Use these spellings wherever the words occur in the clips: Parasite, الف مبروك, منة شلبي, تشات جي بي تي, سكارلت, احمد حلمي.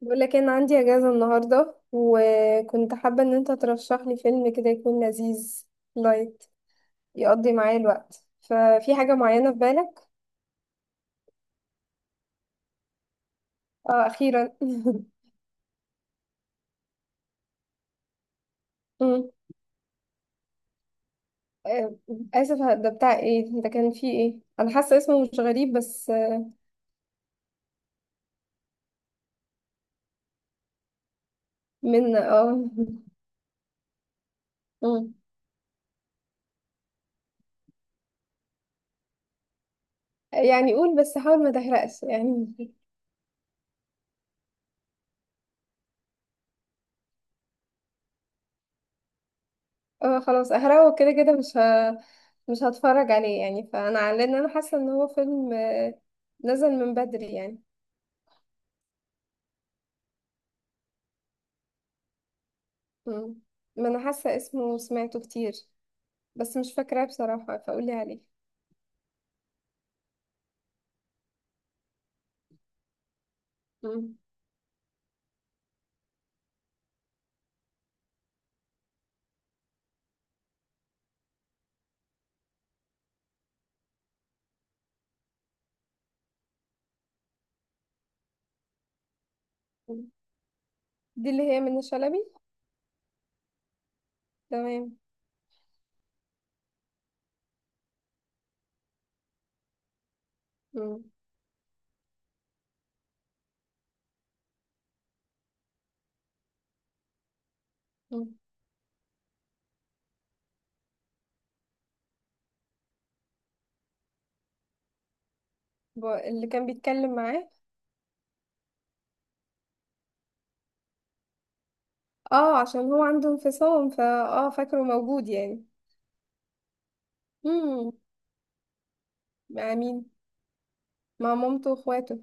بقول لك إيه، انا عندي اجازه النهارده، وكنت حابه ان انت ترشح لي فيلم كده يكون لذيذ لايت يقضي معايا الوقت. ففي حاجه معينه في بالك؟ اه، اخيرا. أمم. آه، اسف. ده بتاع ايه؟ ده كان فيه ايه؟ انا حاسه اسمه مش غريب بس من أمم. يعني قول بس حاول ما تحرقش يعني. اه خلاص احرقه كده كده مش هتفرج عليه يعني، لان انا حاسه ان هو فيلم نزل من بدري يعني. مم. ما انا حاسه اسمه سمعته كتير، بس مش فاكراه بصراحه، فقولي عليه. مم. مم. دي اللي هي منة شلبي. تمام. مم. مم. اللي كان بيتكلم معاه. اه، عشان هو عنده انفصام، فا اه فاكره موجود يعني. مم. مع مين؟ مع مامته واخواته.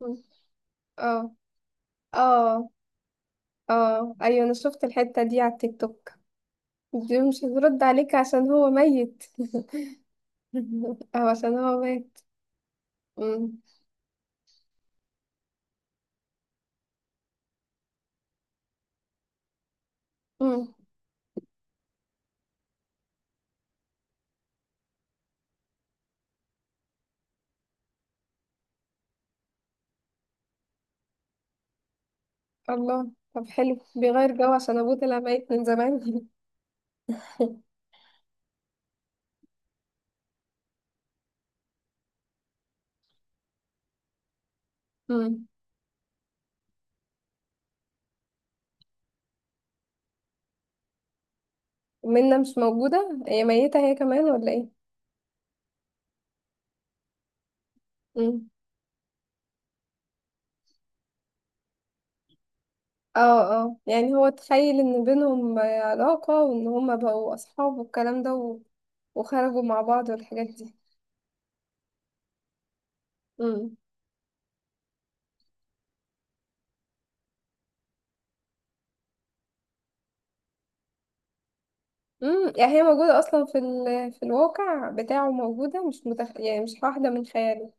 مم. اه، اه، اه، ايوه، انا شفت الحته دي على التيك توك. دي مش هترد عليك عشان هو ميت. او عشان هو مات. مم. مم. الله، طب حلو، بيغير جو عشان ابوه طلع ميت من زمان. امم منة مش موجودة؟ هي ميتة هي كمان ولا ايه؟ امم اه، اه، يعني هو تخيل ان بينهم علاقة وان هما بقوا اصحاب والكلام ده و... وخرجوا مع بعض والحاجات دي. امم يعني هي موجودة اصلا في ال... في الواقع بتاعه موجودة مش متخ... يعني مش واحدة من خياله.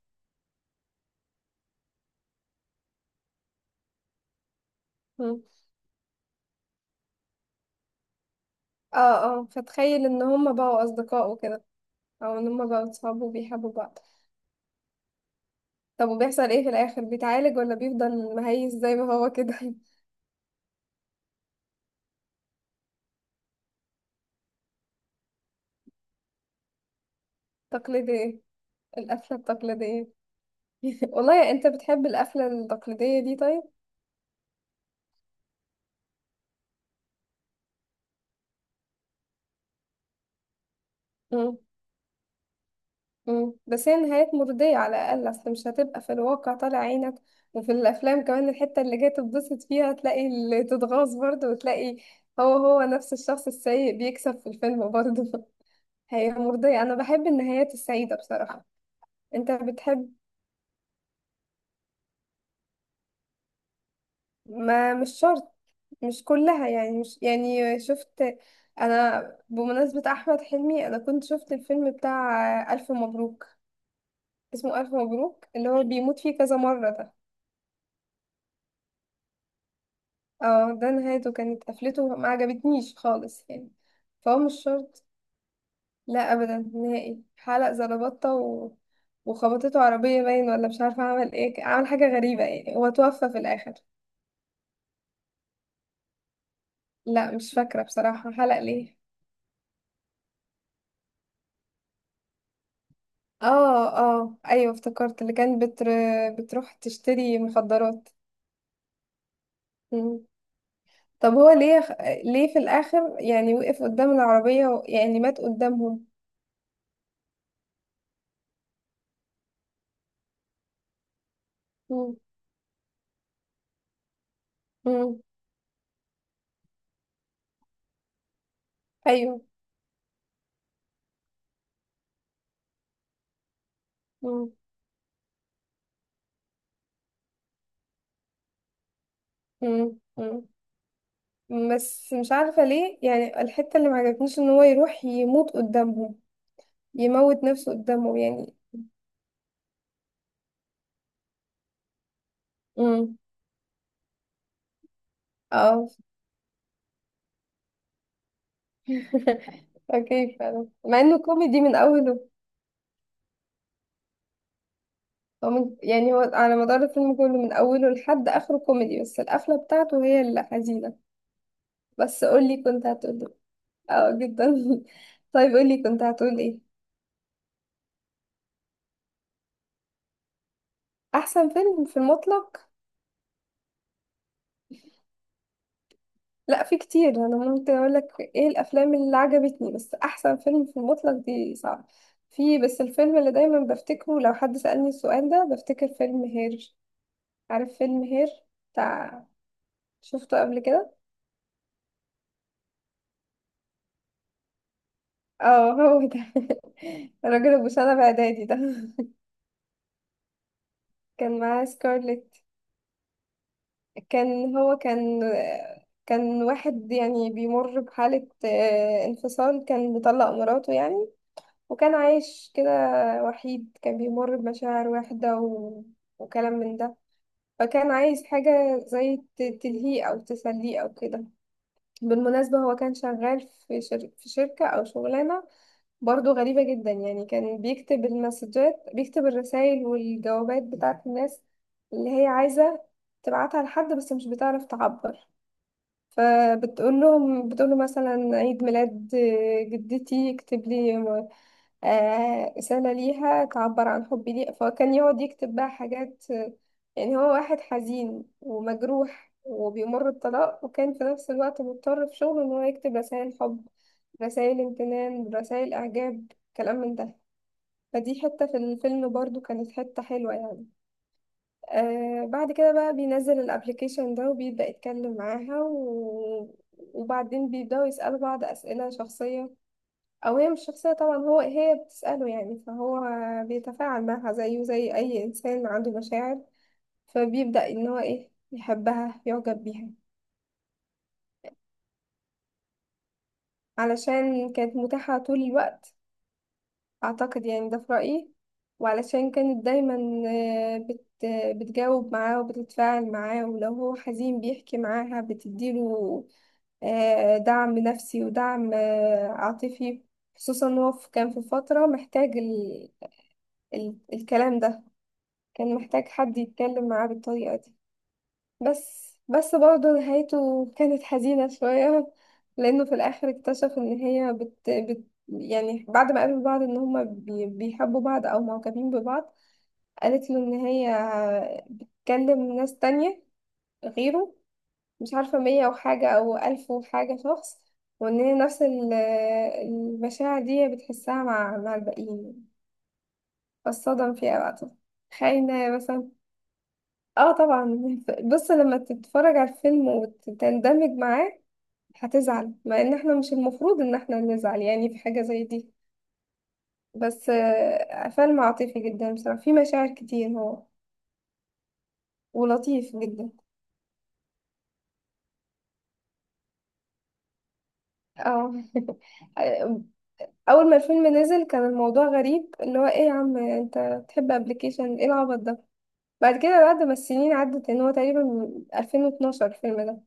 امم اه، اه، فتخيل ان هما بقوا اصدقاء وكده، او ان هما بقوا اصحاب وبيحبوا بعض. طب وبيحصل ايه في الاخر، بيتعالج ولا بيفضل مهيس زي ما هو كده؟ تقليدية. القفلة التقليدية. والله انت بتحب القفلة التقليدية دي، طيب. مم. مم. بس هي نهايات مرضية على الأقل، أصل مش هتبقى في الواقع طالع عينك، وفي الأفلام كمان الحتة اللي جاي تتبسط فيها تلاقي اللي تتغاظ برضه، وتلاقي هو هو نفس الشخص السيء بيكسب في الفيلم برضه. هي مرضية، أنا بحب النهايات السعيدة بصراحة. أنت بتحب؟ ما مش شرط. مش كلها يعني، مش يعني شفت. انا، بمناسبة احمد حلمي، انا كنت شفت الفيلم بتاع الف مبروك. اسمه الف مبروك اللي هو بيموت فيه كذا مرة ده. اه، ده نهايته كانت قفلته ما عجبتنيش خالص يعني. فهو مش شرط. لا ابدا نهائي، حلق زلبطة و... وخبطته عربية باين، ولا مش عارفة عمل ايه، عمل حاجة غريبة يعني هو توفى في الاخر. لا مش فاكرة بصراحة، حلق ليه؟ اه، اه ايوه افتكرت اللي كانت بتر... بتروح تشتري مخدرات. مم. طب هو ليه؟ ليه في الاخر يعني وقف قدام العربية و... يعني مات قدامهم؟ مم. مم. ايوه. مم. مم. مم. بس مش عارفة ليه يعني الحتة اللي ما عجبتنيش ان هو يروح يموت قدامهم، يموت نفسه قدامهم يعني. مم. اه. اوكي، فعلا مع انه كوميدي من اوله. هو يعني هو على مدار الفيلم كله من أوله لحد آخره كوميدي، بس القفلة بتاعته هي اللي حزينة. بس قولي كنت هتقولي. اه، جدا. طيب قولي كنت هتقول ايه؟ أحسن فيلم في المطلق؟ لا في كتير، أنا ممكن أقولك ايه الأفلام اللي عجبتني، بس أحسن فيلم في المطلق دي صعب. في بس الفيلم اللي دايما بفتكره لو حد سألني السؤال ده، بفتكر فيلم هير. عارف فيلم هير بتاع، شفته قبل كده؟ اه هو ده. الراجل ابو سنة بإعدادي ده. كان معاه سكارلت. كان هو كان واحد يعني بيمر بحالة انفصال، كان مطلق مراته يعني، وكان عايش كده وحيد، كان بيمر بمشاعر واحدة و... وكلام من ده. فكان عايز حاجة زي تلهيه أو تسليه أو كده. بالمناسبة هو كان شغال في في شركة أو شغلانة برضو غريبة جدا يعني. كان بيكتب المسجات، بيكتب الرسائل والجوابات بتاعت الناس اللي هي عايزة تبعتها لحد بس مش بتعرف تعبر، فبتقول لهم بتقول له مثلا عيد ميلاد جدتي اكتب لي رسالة ليها تعبر عن حبي ليها، فكان يقعد يكتب بقى حاجات. يعني هو واحد حزين ومجروح وبيمر بطلاق، وكان في نفس الوقت مضطر في شغله ان هو يكتب رسائل حب، رسائل امتنان، رسائل اعجاب، كلام من ده. فدي حتة في الفيلم برضو كانت حتة حلوة يعني. آه بعد كده بقى بينزل الابليكيشن ده وبيبدأ يتكلم معاها و... وبعدين بيبدأوا يسألوا بعض أسئلة شخصية، أو هي مش شخصية طبعا، هو هي بتسأله يعني، فهو بيتفاعل معاها زيه زي أي إنسان عنده مشاعر. فبيبدأ إن هو إيه يحبها يعجب بيها. علشان كانت متاحة طول الوقت أعتقد يعني، ده في رأيي، وعلشان كانت دايما آه، بت... بتجاوب معاه وبتتفاعل معاه، ولو هو حزين بيحكي معاها بتديله دعم نفسي ودعم عاطفي. خصوصا إن هو كان في فترة محتاج الكلام ده، كان محتاج حد يتكلم معاه بالطريقة دي. بس بس برضه نهايته كانت حزينة شوية. لأنه في الآخر اكتشف إن هي يعني بعد ما قابلوا بعض إن هما بيحبوا بعض أو معجبين ببعض، قالت له إن هي بتكلم ناس تانية غيره، مش عارفة مية وحاجة أو ألف وحاجة شخص، وإن هي نفس المشاعر دي بتحسها مع الباقيين. فالصدم فيها بقى طبعاً. خاينة مثلا. اه طبعا. بص لما تتفرج على الفيلم وتندمج معاه هتزعل، مع ان احنا مش المفروض ان احنا نزعل يعني في حاجة زي دي. بس فيلم عاطفي جدا بصراحة، فيه مشاعر كتير هو، ولطيف جدا. اه. اول ما الفيلم نزل كان الموضوع غريب، اللي هو ايه يا عم انت بتحب ابلكيشن، ايه العبط ده. بعد كده، بعد ما السنين عدت ان هو تقريبا من 2012 الفيلم ده،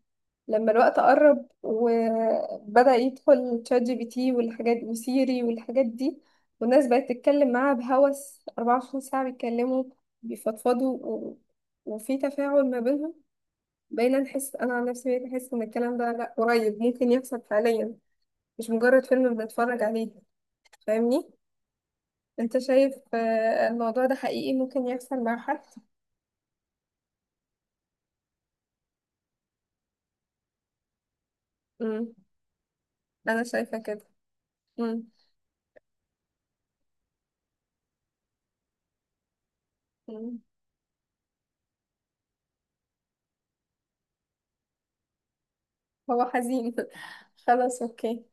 لما الوقت قرب وبدأ يدخل تشات جي بي تي والحاجات وسيري والحاجات دي، والناس بقت تتكلم معاها بهوس 24 ساعة بيتكلموا بيفضفضوا و... وفي تفاعل ما بينهم، بقينا نحس، انا عن نفسي بقيت احس ان الكلام ده لا قريب ممكن يحصل فعليا، مش مجرد فيلم بنتفرج عليه. فاهمني، انت شايف الموضوع ده حقيقي ممكن يحصل مع حد. امم انا شايفة كده. امم امم هو حزين. خلاص اوكي.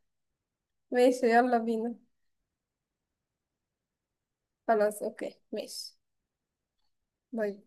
ماشي يلا بينا. خلاص اوكي ماشي. باي.